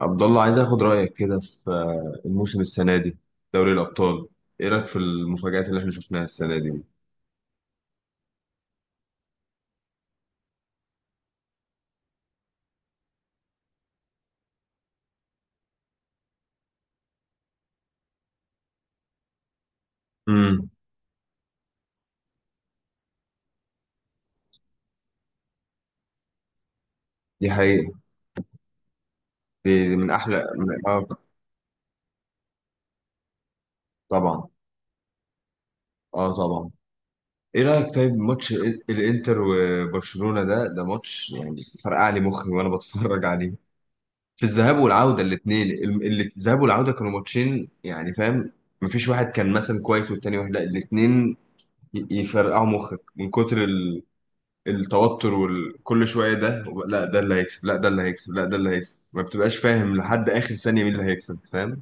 عبد الله عايز اخد رايك كده في الموسم السنه دي، دوري الابطال. ايه رايك في المفاجآت اللي احنا شفناها السنه دي؟ امم. دي حقيقه. دي من احلى من... اه طبعا. اه، طبعا. ايه رايك طيب، ماتش الانتر وبرشلونه، ده ماتش يعني فرقع لي مخي وانا بتفرج عليه في الذهاب والعوده الاثنين. الذهاب والعوده كانوا ماتشين يعني، فاهم؟ مفيش واحد كان مثلا كويس والتاني واحد لا، الاثنين يفرقعوا مخك من كتر التوتر، وكل شويه لا ده اللي هيكسب، لا ده اللي هيكسب، لا ده اللي هيكسب. ما بتبقاش فاهم لحد اخر ثانيه مين اللي هيكسب، فاهم؟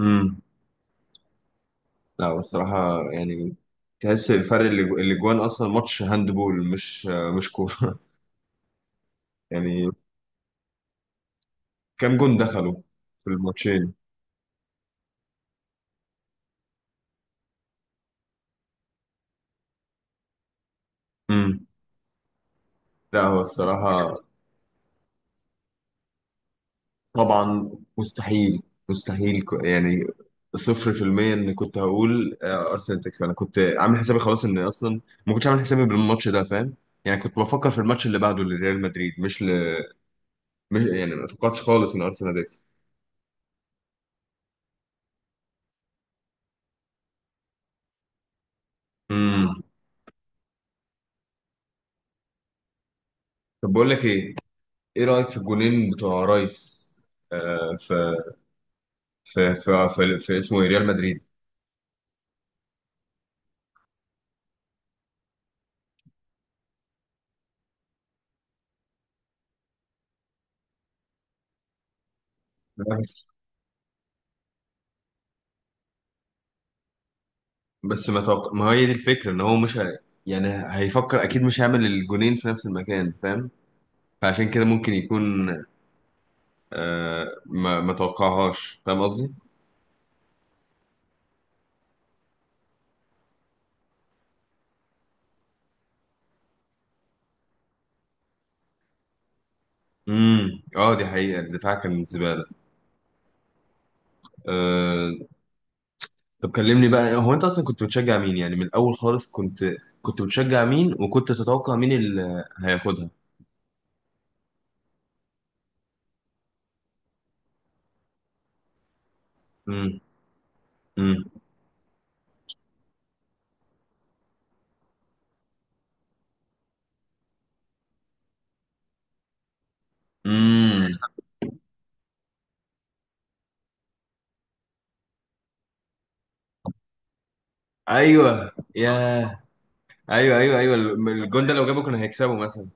امم. لا، الصراحه يعني تحس الفرق اللي جوان اصلا ماتش هاندبول مش كوره يعني كام جون دخلوا في الماتشين؟ امم. لا هو الصراحه، طبعا. مستحيل، مستحيل يعني صفر في المية. ان كنت هقول ارسنال تكسب، انا كنت عامل حسابي خلاص ان اصلا ما كنتش عامل حسابي بالماتش ده، فاهم؟ يعني كنت بفكر في الماتش اللي بعده لريال مدريد، مش. مش يعني، ما توقعتش خالص ان ارسنال هتكسب. امم. طب بقول لك ايه، ايه رايك في الجولين بتوع رايس؟ آه في في اسمه إيه؟ ريال مدريد. بس بس ما توقع، ما هي دي الفكره ان هو مش. يعني هيفكر اكيد مش هيعمل الجولين في نفس المكان، فاهم؟ فعشان كده ممكن يكون ما توقعهاش، فاهم قصدي؟ امم، اه، دي حقيقة، الدفاع كان زبالة. آه طب كلمني بقى، هو انت اصلا كنت بتشجع مين يعني من الاول خالص؟ كنت بتشجع مين، وكنت تتوقع مين اللي هياخدها؟ امم، امم، امم. ايوه يا ايوه، ايوه، ايوه، الجون ده لو جابه كانوا هيكسبوا مثلا.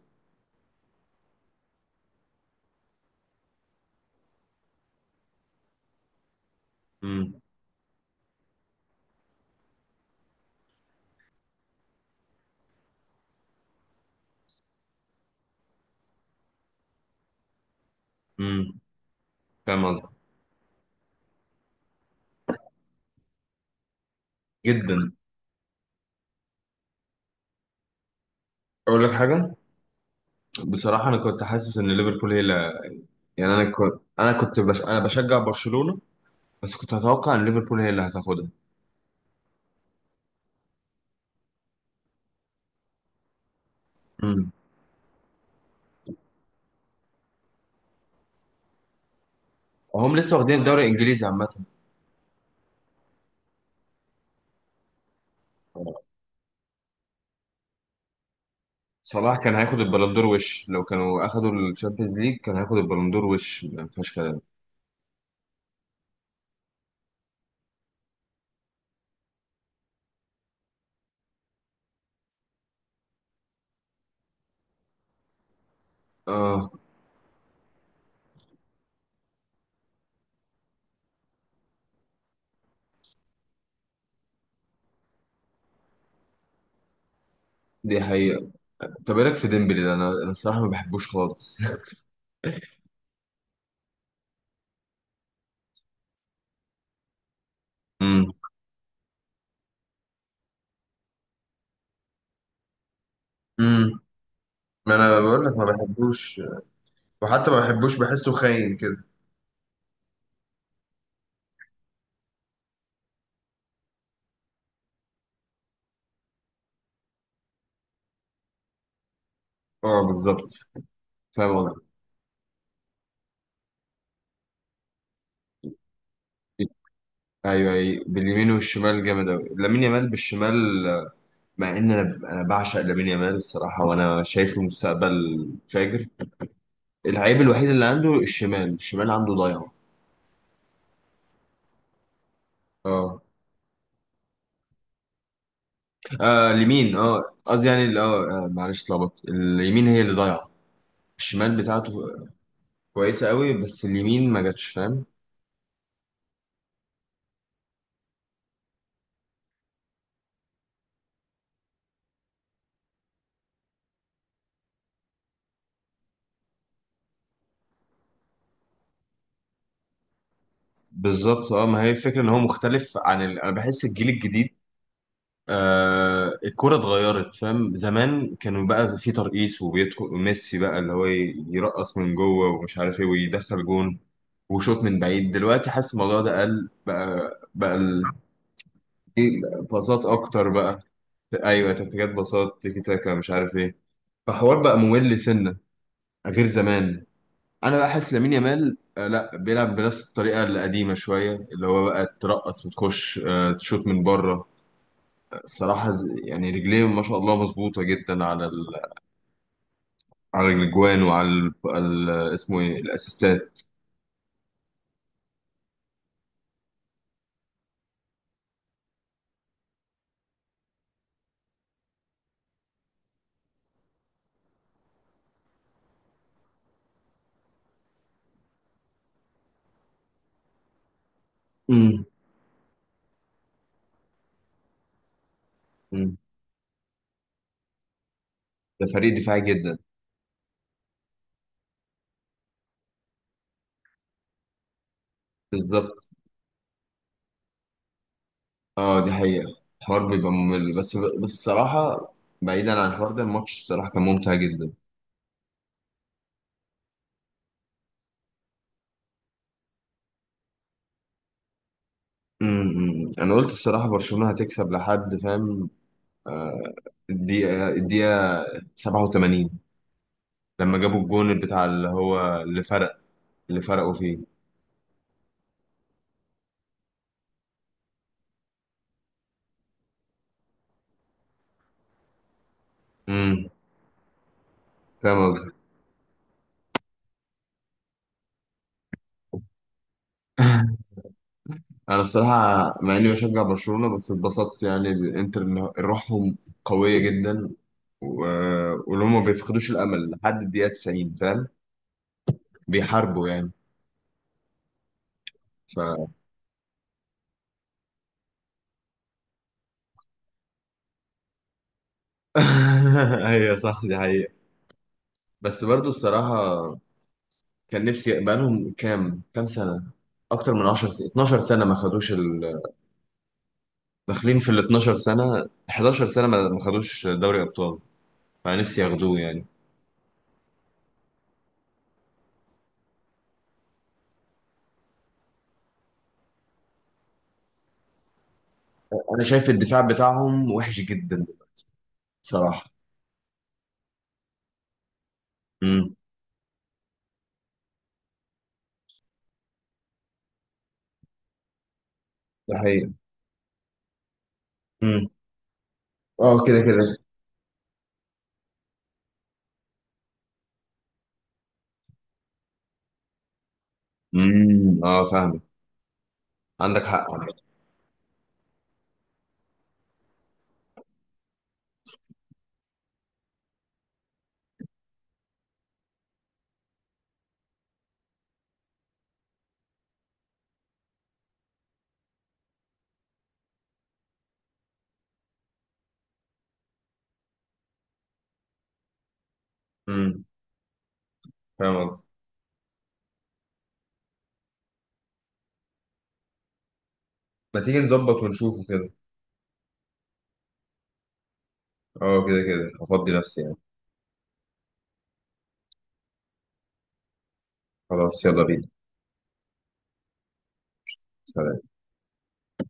امم، امم. فاهم قصدي؟ جدا. اقول لك حاجة، بصراحة انا كنت حاسس ان ليفربول هي اللي... يعني انا بشجع برشلونة، بس كنت اتوقع ان ليفربول هي اللي هتاخدها. امم. هم لسه واخدين الدوري الانجليزي عامه. صلاح كان هياخد البلندور وش، لو كانوا اخدوا الشامبيونز ليج كان هياخد البلندور وش، ما فيهاش كلام. اه، دي حقيقة. طب ايه رايك في ديمبلي ده؟ انا الصراحة ما بحبوش خالص امم، امم، ما انا بقول لك ما بحبوش. وحتى ما بحبوش، بحسه خاين كده. اه، بالظبط، فاهم قصدي. ايوه، ايوه، باليمين والشمال جامد قوي، لامين يامال بالشمال. مع ان انا بعشق لامين يامال الصراحه، وانا شايفه مستقبل فاجر. العيب الوحيد اللي عنده، الشمال، الشمال عنده ضايع. اه، آه، اليمين اه قصدي يعني معلش، اتلخبطت، اليمين هي اللي ضايعه، الشمال بتاعته كويسه قوي، بس اليمين ما جاتش، فاهم؟ بالظبط. اه، ما هي الفكره ان هو مختلف. انا بحس الجيل الجديد، الكرة اتغيرت، فاهم؟ زمان كانوا بقى في ترقيص، وبيدخل ميسي بقى اللي هو يرقص من جوه ومش عارف ايه ويدخل جون وشوط من بعيد. دلوقتي حاسس الموضوع ده قل بقى، بقى ال- إيه، باصات اكتر بقى. ايوه، تكتيكات، باصات، تيكي تاكا، مش عارف ايه. فحوار بقى ممل سنه غير زمان. انا بقى حاسس لامين يامال لا بيلعب بنفس الطريقه القديمه شويه، اللي هو بقى ترقص وتخش، تشوط من بره. الصراحه يعني رجليه ما شاء الله مظبوطه جدا على الاجوان وعلى اسمه ايه، الاسيستات. امم. ده فريق دفاعي جدا. بالظبط. اه، دي حقيقة الحوار بيبقى ممل، بس الصراحة بعيدا عن الحوار ده، الماتش الصراحة كان ممتع جدا. امم. انا قلت الصراحة برشلونة هتكسب لحد فاهم الدقيقة 87، لما جابوا الجون بتاع اللي هو اللي فرق، اللي فرقوا فيه. امم، فاهم قصدي انا الصراحة مع اني بشجع برشلونة بس اتبسطت، يعني الانتر إن روحهم قوية جدا، و... ولهم ما بيفقدوش الامل لحد الدقيقة 90، فاهم؟ بيحاربوا يعني. ف ايوه، صح، دي حقيقة. بس برضو الصراحة كان نفسي بقالهم كام، كام سنة، اكتر من 10 سنة، 12 سنة ما خدوش داخلين في ال 12 سنة، 11 سنة ما خدوش دوري ابطال، فنفسي ياخدوه يعني. انا شايف الدفاع بتاعهم وحش جدا، بصراحة. امم. ده حقيقة. امم، اه، كده كده. امم، اه، فاهم، عندك حق. امم، فاهم قصدي. ما تيجي نظبط ونشوفه كده. اه، كده كده، افضي نفسي يعني. خلاص، يلا بينا. سلام.